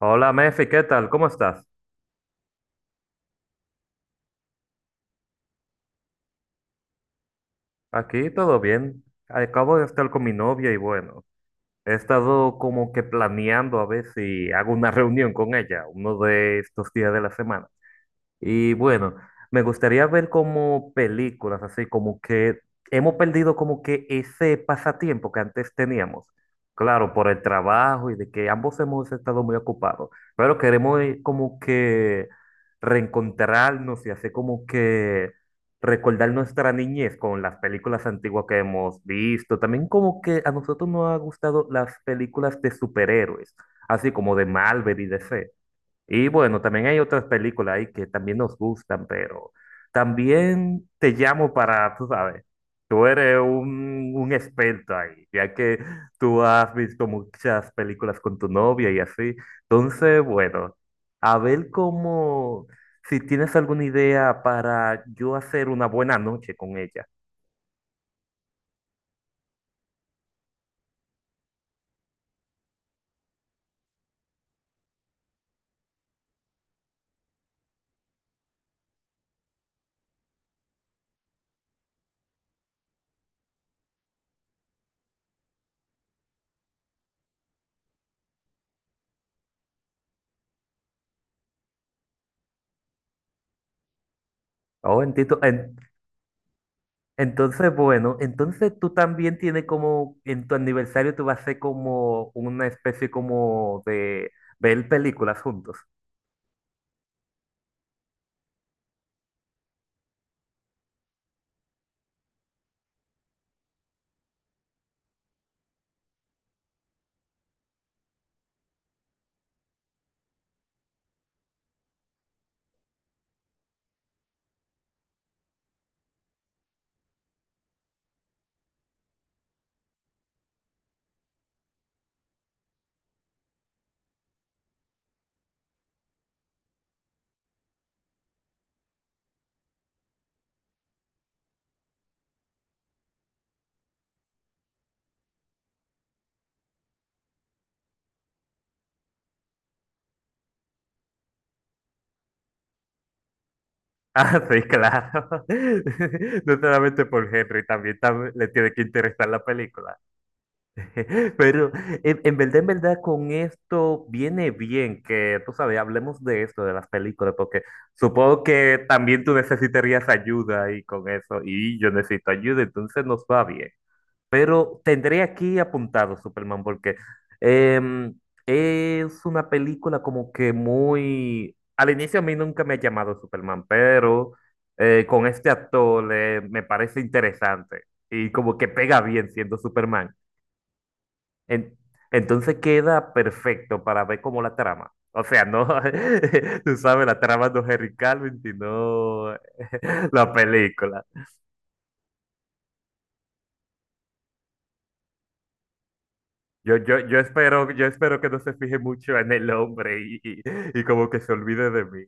Hola, Mefi, ¿qué tal? ¿Cómo estás? Aquí todo bien. Acabo de estar con mi novia y bueno, he estado como que planeando a ver si hago una reunión con ella uno de estos días de la semana. Y bueno, me gustaría ver como películas, así como que hemos perdido como que ese pasatiempo que antes teníamos. Claro, por el trabajo y de que ambos hemos estado muy ocupados, pero queremos como que reencontrarnos y hacer como que recordar nuestra niñez con las películas antiguas que hemos visto. También como que a nosotros nos ha gustado las películas de superhéroes, así como de Marvel y DC y bueno, también hay otras películas ahí que también nos gustan, pero también te llamo para, tú sabes, tú eres un experto ahí, ya que tú has visto muchas películas con tu novia y así. Entonces, bueno, a ver cómo, si tienes alguna idea para yo hacer una buena noche con ella. Oh, entiendo, entonces, bueno, entonces tú también tienes como, en tu aniversario tú vas a hacer como una especie como de ver películas juntos. Ah, sí, claro. No solamente por Henry, también, le tiene que interesar la película. Pero en verdad, con esto viene bien que, tú sabes, hablemos de esto, de las películas, porque supongo que también tú necesitarías ayuda ahí con eso, y yo necesito ayuda, entonces nos va bien. Pero tendré aquí apuntado Superman porque em, es una película como que muy al inicio a mí nunca me ha llamado Superman, pero con este actor me parece interesante y como que pega bien siendo Superman. En- entonces queda perfecto para ver como la trama. O sea, no, tú sabes, la trama no es Henry Calvin, sino la película. Yo espero, yo espero que no se fije mucho en el hombre y como que se olvide de mí.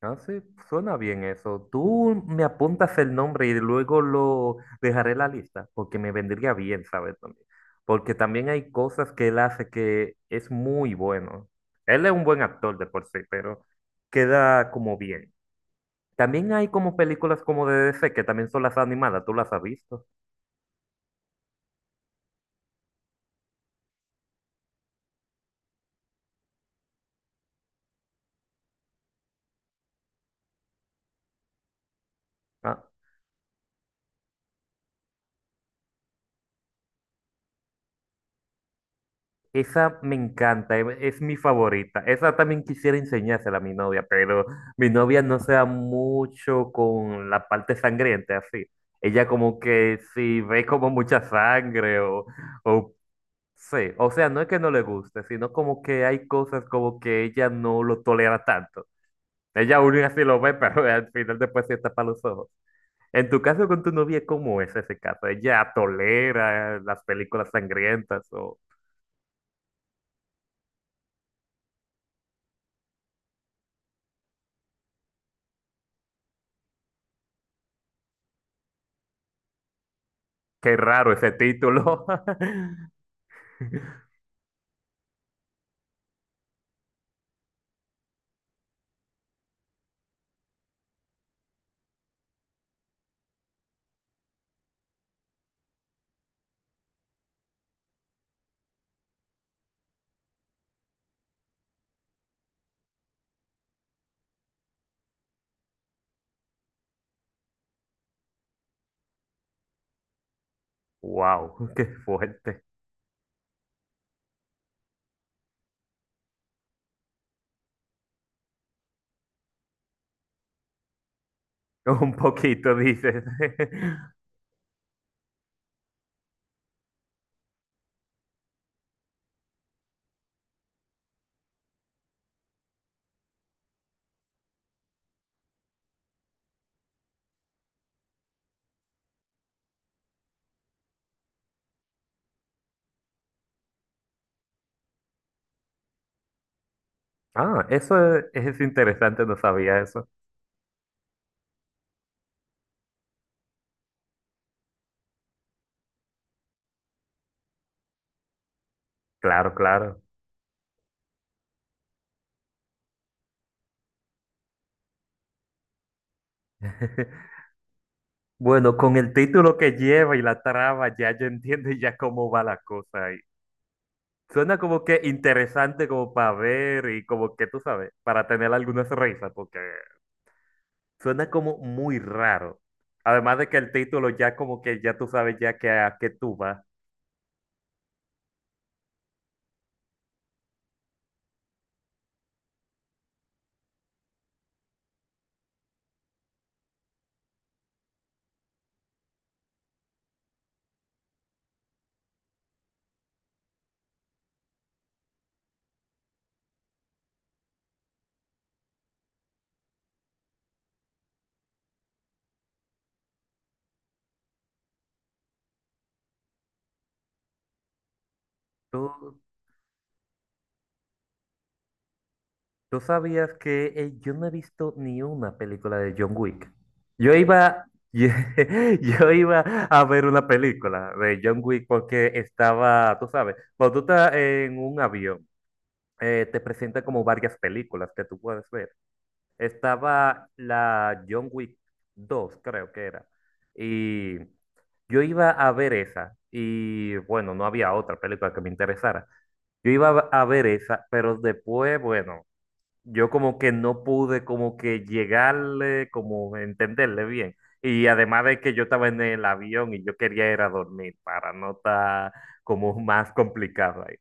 Ah, sí, suena bien eso. Tú me apuntas el nombre y luego lo dejaré en la lista, porque me vendría bien, ¿sabes? También. Porque también hay cosas que él hace que es muy bueno. Él es un buen actor de por sí, pero queda como bien. También hay como películas como de DC, que también son las animadas, ¿tú las has visto? Ah, esa me encanta, es mi favorita. Esa también quisiera enseñársela a mi novia, pero mi novia no se da mucho con la parte sangrienta, así. Ella como que si ve como mucha sangre o sí, o sea, no es que no le guste, sino como que hay cosas como que ella no lo tolera tanto. Ella aún así lo ve, pero al final después se tapa los ojos. En tu caso con tu novia, ¿cómo es ese caso? ¿Ella tolera las películas sangrientas o...? Qué raro ese título. Wow, qué fuerte. Un poquito dices. Ah, eso es interesante, no sabía eso. Claro, claro. Bueno, con el título que lleva y la trama, ya yo entiendo ya cómo va la cosa ahí. Suena como que interesante como para ver y como que tú sabes, para tener algunas risas, porque suena como muy raro. Además de que el título ya como que ya tú sabes ya que a qué tú vas. ¿Tú, ¿Tú sabías que yo no he visto ni una película de John Wick? Yo iba, iba a ver una película de John Wick porque estaba, tú sabes, cuando tú estás en un avión, te presenta como varias películas que tú puedes ver. Estaba la John Wick 2, creo que era. Y yo iba a ver esa. Y bueno, no había otra película que me interesara. Yo iba a ver esa, pero después, bueno yo como que no pude como que llegarle, como entenderle bien. Y además de que yo estaba en el avión y yo quería ir a dormir para no estar como más complicado ahí.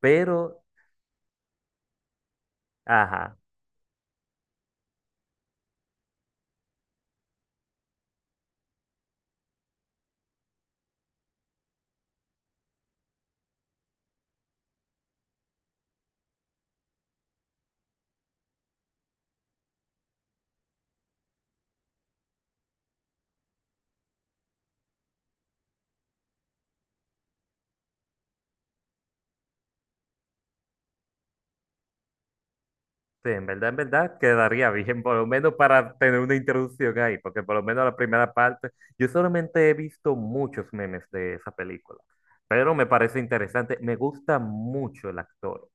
Pero, ajá, sí, en verdad quedaría bien, por lo menos para tener una introducción ahí, porque por lo menos la primera parte, yo solamente he visto muchos memes de esa película, pero me parece interesante, me gusta mucho el actor.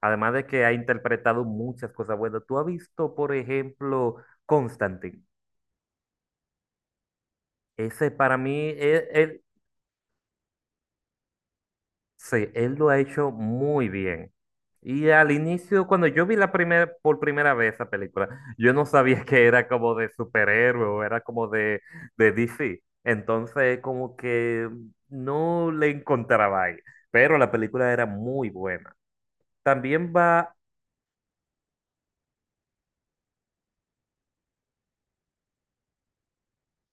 Además de que ha interpretado muchas cosas buenas. Tú has visto, por ejemplo, Constantine. Ese para mí, sí, él lo ha hecho muy bien. Y al inicio, cuando yo vi la primera, por primera vez esa película, yo no sabía que era como de superhéroe o era como de DC. Entonces, como que no le encontraba ahí. Pero la película era muy buena. También va,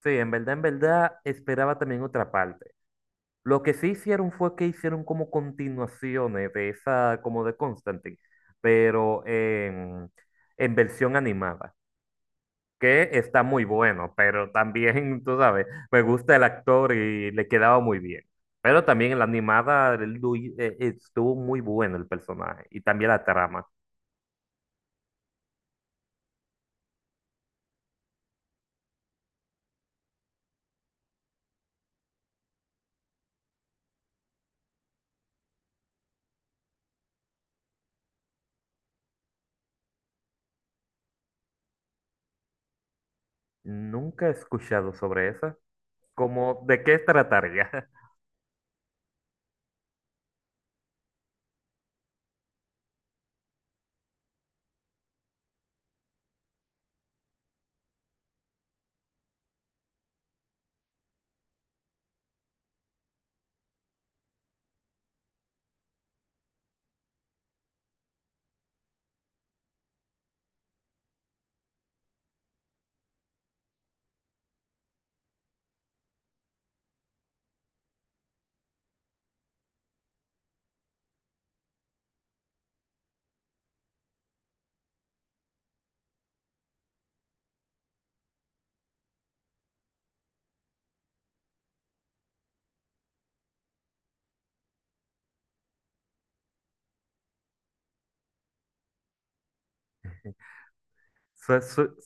sí, en verdad, esperaba también otra parte. Lo que sí hicieron fue que hicieron como continuaciones de esa, como de Constantine, pero en versión animada, que está muy bueno, pero también, tú sabes, me gusta el actor y le quedaba muy bien. Pero también en la animada el estuvo muy bueno el personaje y también la trama. Nunca he escuchado sobre esa. Como de qué trataría? Su- su-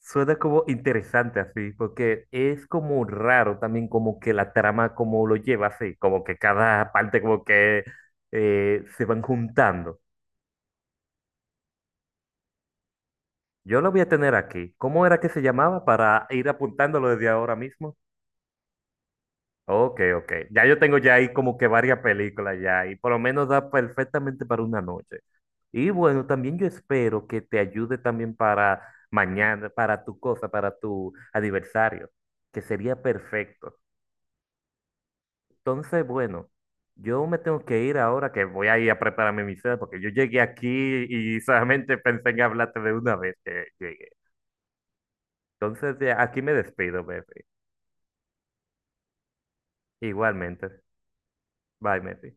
Suena como interesante así, porque es como raro también como que la trama como lo lleva así, como que cada parte como que se van juntando. Yo lo voy a tener aquí. ¿Cómo era que se llamaba para ir apuntándolo desde ahora mismo? Ok, ok. Ya yo tengo ya ahí como que varias películas ya y por lo menos da perfectamente para una noche. Y bueno, también yo espero que te ayude también para mañana, para tu cosa, para tu aniversario, que sería perfecto. Entonces, bueno, yo me tengo que ir ahora que voy a ir a prepararme mi cena porque yo llegué aquí y solamente pensé en hablarte de una vez que llegué. Entonces, de aquí me despido, Mefi. Igualmente. Bye, Mefi.